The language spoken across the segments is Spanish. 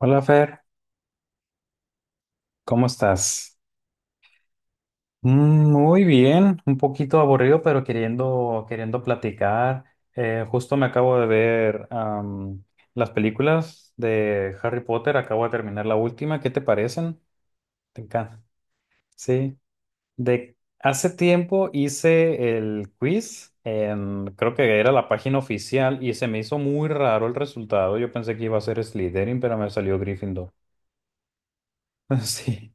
Hola Fer, ¿cómo estás? Muy bien, un poquito aburrido, pero queriendo platicar. Justo me acabo de ver las películas de Harry Potter, acabo de terminar la última. ¿Qué te parecen? ¿Te encanta? Sí. De hace tiempo hice el quiz, creo que era la página oficial y se me hizo muy raro el resultado. Yo pensé que iba a ser Slytherin, pero me salió Gryffindor. Sí,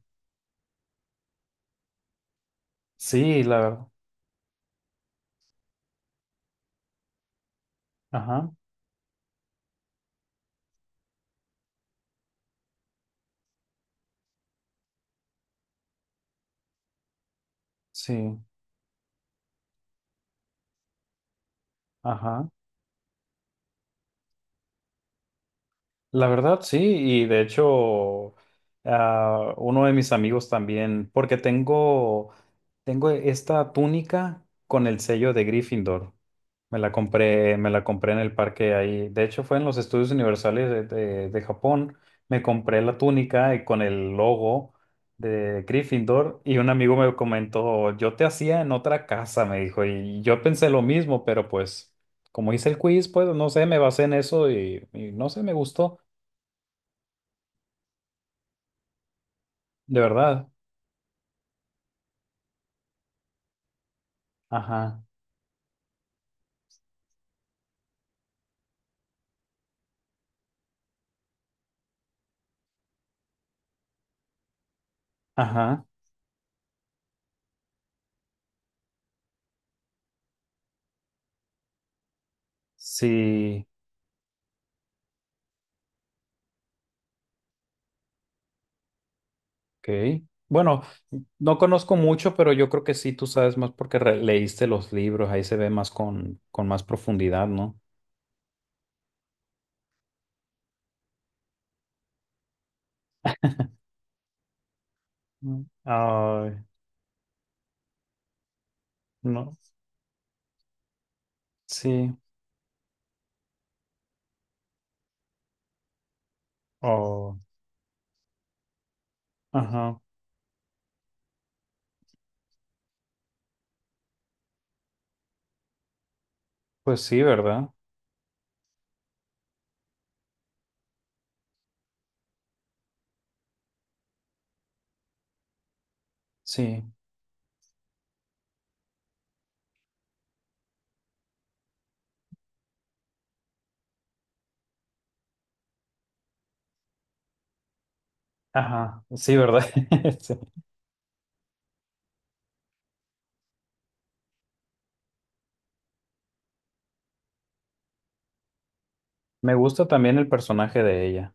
sí, la verdad. Ajá, sí. Ajá. La verdad, sí, y de hecho, uno de mis amigos también, tengo esta túnica con el sello de Gryffindor. Me la compré en el parque ahí. De hecho, fue en los estudios universales de Japón. Me compré la túnica y con el logo de Gryffindor y un amigo me comentó, yo te hacía en otra casa, me dijo, y yo pensé lo mismo, pero pues como hice el quiz, pues no sé, me basé en eso y no sé, me gustó. De verdad. Ajá, ajá. Sí, ok. Bueno, no conozco mucho, pero yo creo que sí, tú sabes más porque leíste los libros, ahí se ve más con más profundidad, ¿no? Mm. Ay, no, sí. Oh, ajá. Pues sí, ¿verdad? Sí. Ajá, sí, ¿verdad? Sí. Me gusta también el personaje de ella.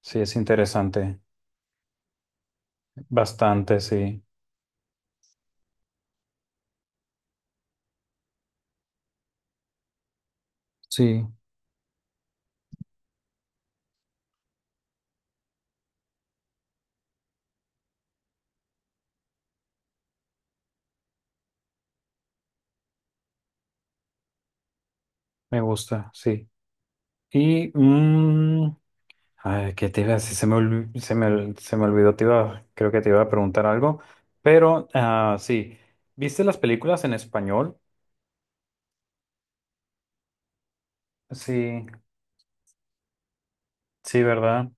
Sí, es interesante. Bastante, sí. Sí, me gusta, sí. Y... ay, ¿qué te iba a decir? Se me olvidó, te iba, creo que te iba a preguntar algo, pero sí, ¿viste las películas en español? Sí, sí, ¿verdad?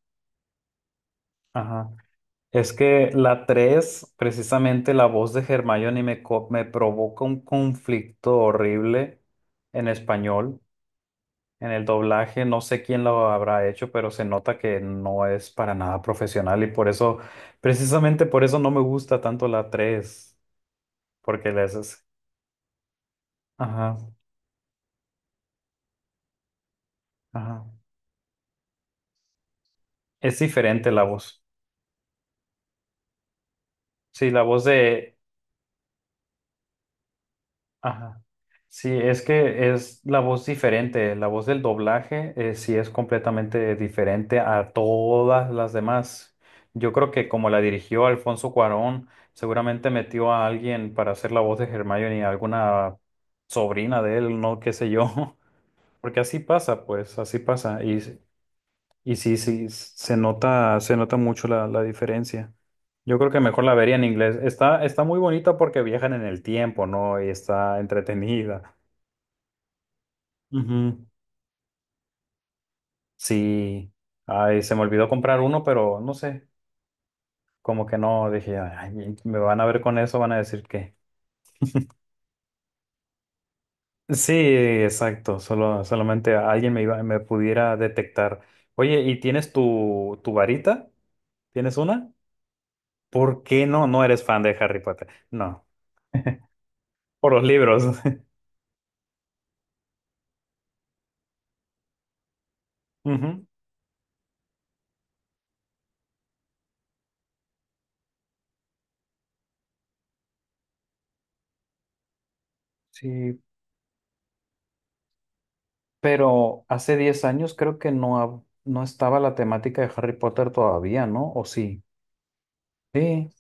Ajá. Es que la 3 precisamente la voz de Hermione me provoca un conflicto horrible en español, en el doblaje, no sé quién lo habrá hecho, pero se nota que no es para nada profesional y por eso, precisamente por eso no me gusta tanto la tres. Porque les, ajá, ajá. Es diferente la voz. Sí, la voz de... Ajá. Sí, es que es la voz diferente. La voz del doblaje sí es completamente diferente a todas las demás. Yo creo que como la dirigió Alfonso Cuarón, seguramente metió a alguien para hacer la voz de Hermione, alguna sobrina de él, no qué sé yo. Porque así pasa, pues, así pasa. Y y sí, sí, se nota mucho la diferencia. Yo creo que mejor la vería en inglés. Está, está muy bonita porque viajan en el tiempo, ¿no? Y está entretenida. Ujú. Sí. Ay, se me olvidó comprar uno, pero no sé. Como que no, dije, "Ay, me van a ver con eso, van a decir que". Sí, exacto. Solo, solamente alguien me iba, me pudiera detectar. Oye, ¿y tienes tu varita? ¿Tienes una? ¿Por qué no? No eres fan de Harry Potter. No. Por los libros. Ujú. Sí, pero hace 10 años creo que no, no estaba la temática de Harry Potter todavía, ¿no? ¿O sí? Sí,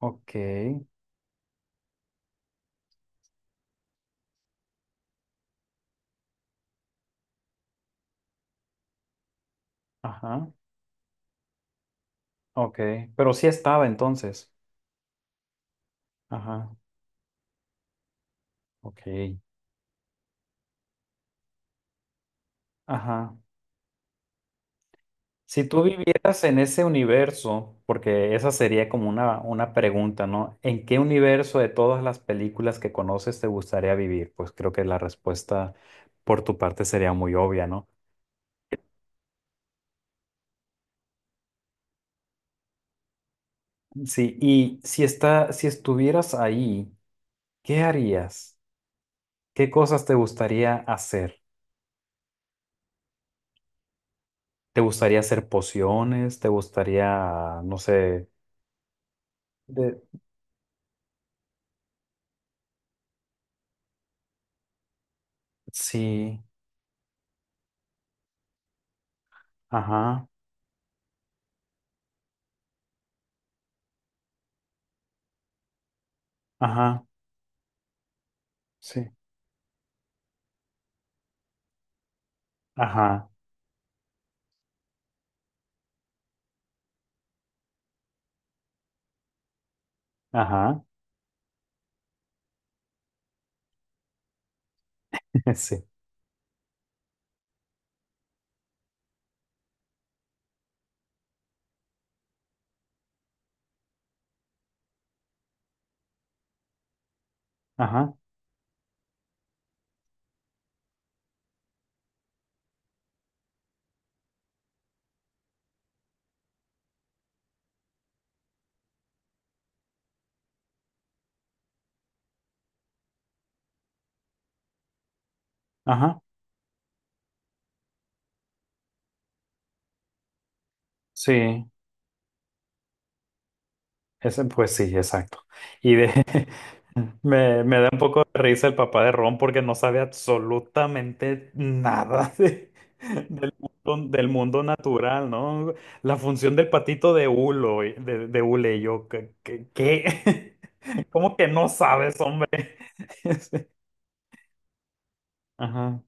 ok, ajá, ok, pero sí estaba entonces, ajá, ok, ajá. Si tú vivieras en ese universo, porque esa sería como una pregunta, ¿no? ¿En qué universo de todas las películas que conoces te gustaría vivir? Pues creo que la respuesta por tu parte sería muy obvia, ¿no? Sí, y si está, si estuvieras ahí, ¿qué harías? ¿Qué cosas te gustaría hacer? ¿Te gustaría hacer pociones? ¿Te gustaría, no sé, de... Sí, ajá, ajá, sí, ajá, ajá, sí, ajá, ajá, sí. Ese, pues sí, exacto. Y de, me da un poco de risa el papá de Ron porque no sabe absolutamente nada de- del del mundo natural, ¿no? La función del patito de Hulo, de Hule, y yo, ¿qué? Qué? ¿Cómo que no sabes, hombre? Ajá,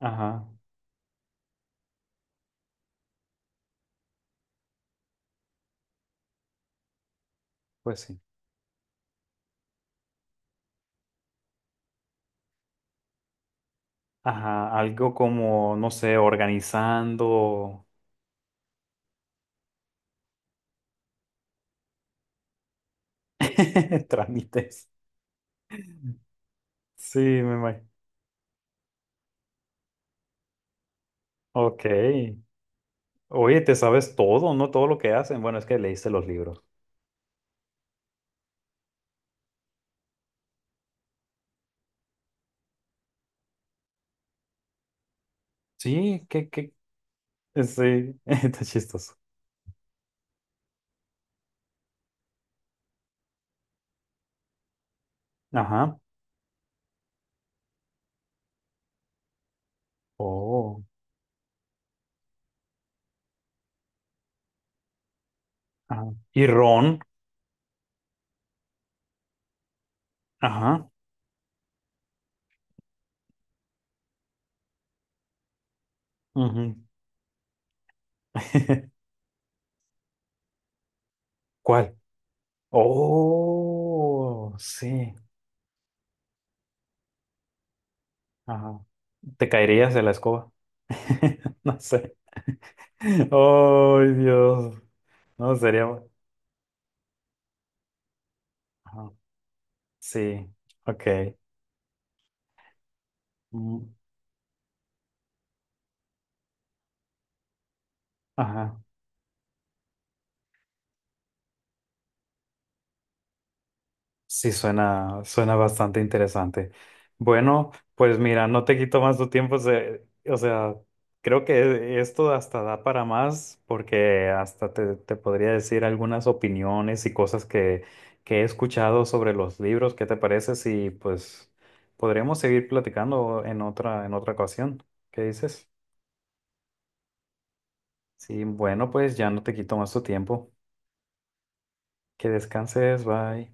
ajá, pues sí. Ajá, algo como, no sé, organizando trámites. Sí, me imagino. Ok. Oye, te sabes todo, ¿no? Todo lo que hacen. Bueno, es que leíste los libros. Sí, qué, qué. Sí, está chistoso. Ajá. Oh. Ajá. Y Ron. Ajá. Ujú. ¿Cuál? Oh, sí. Ajá. Te caerías de la escoba. No sé. Oh, Dios. No, sería. Ajá. Sí. Ok. Mm, ajá. Sí, suena, suena bastante interesante. Bueno, pues mira, no te quito más tu tiempo. O sea, creo que esto hasta da para más porque hasta te podría decir algunas opiniones y cosas que he escuchado sobre los libros. ¿Qué te parece? Si pues podremos seguir platicando en otra ocasión. ¿Qué dices? Sí, bueno, pues ya no te quito más tu tiempo. Que descanses, bye.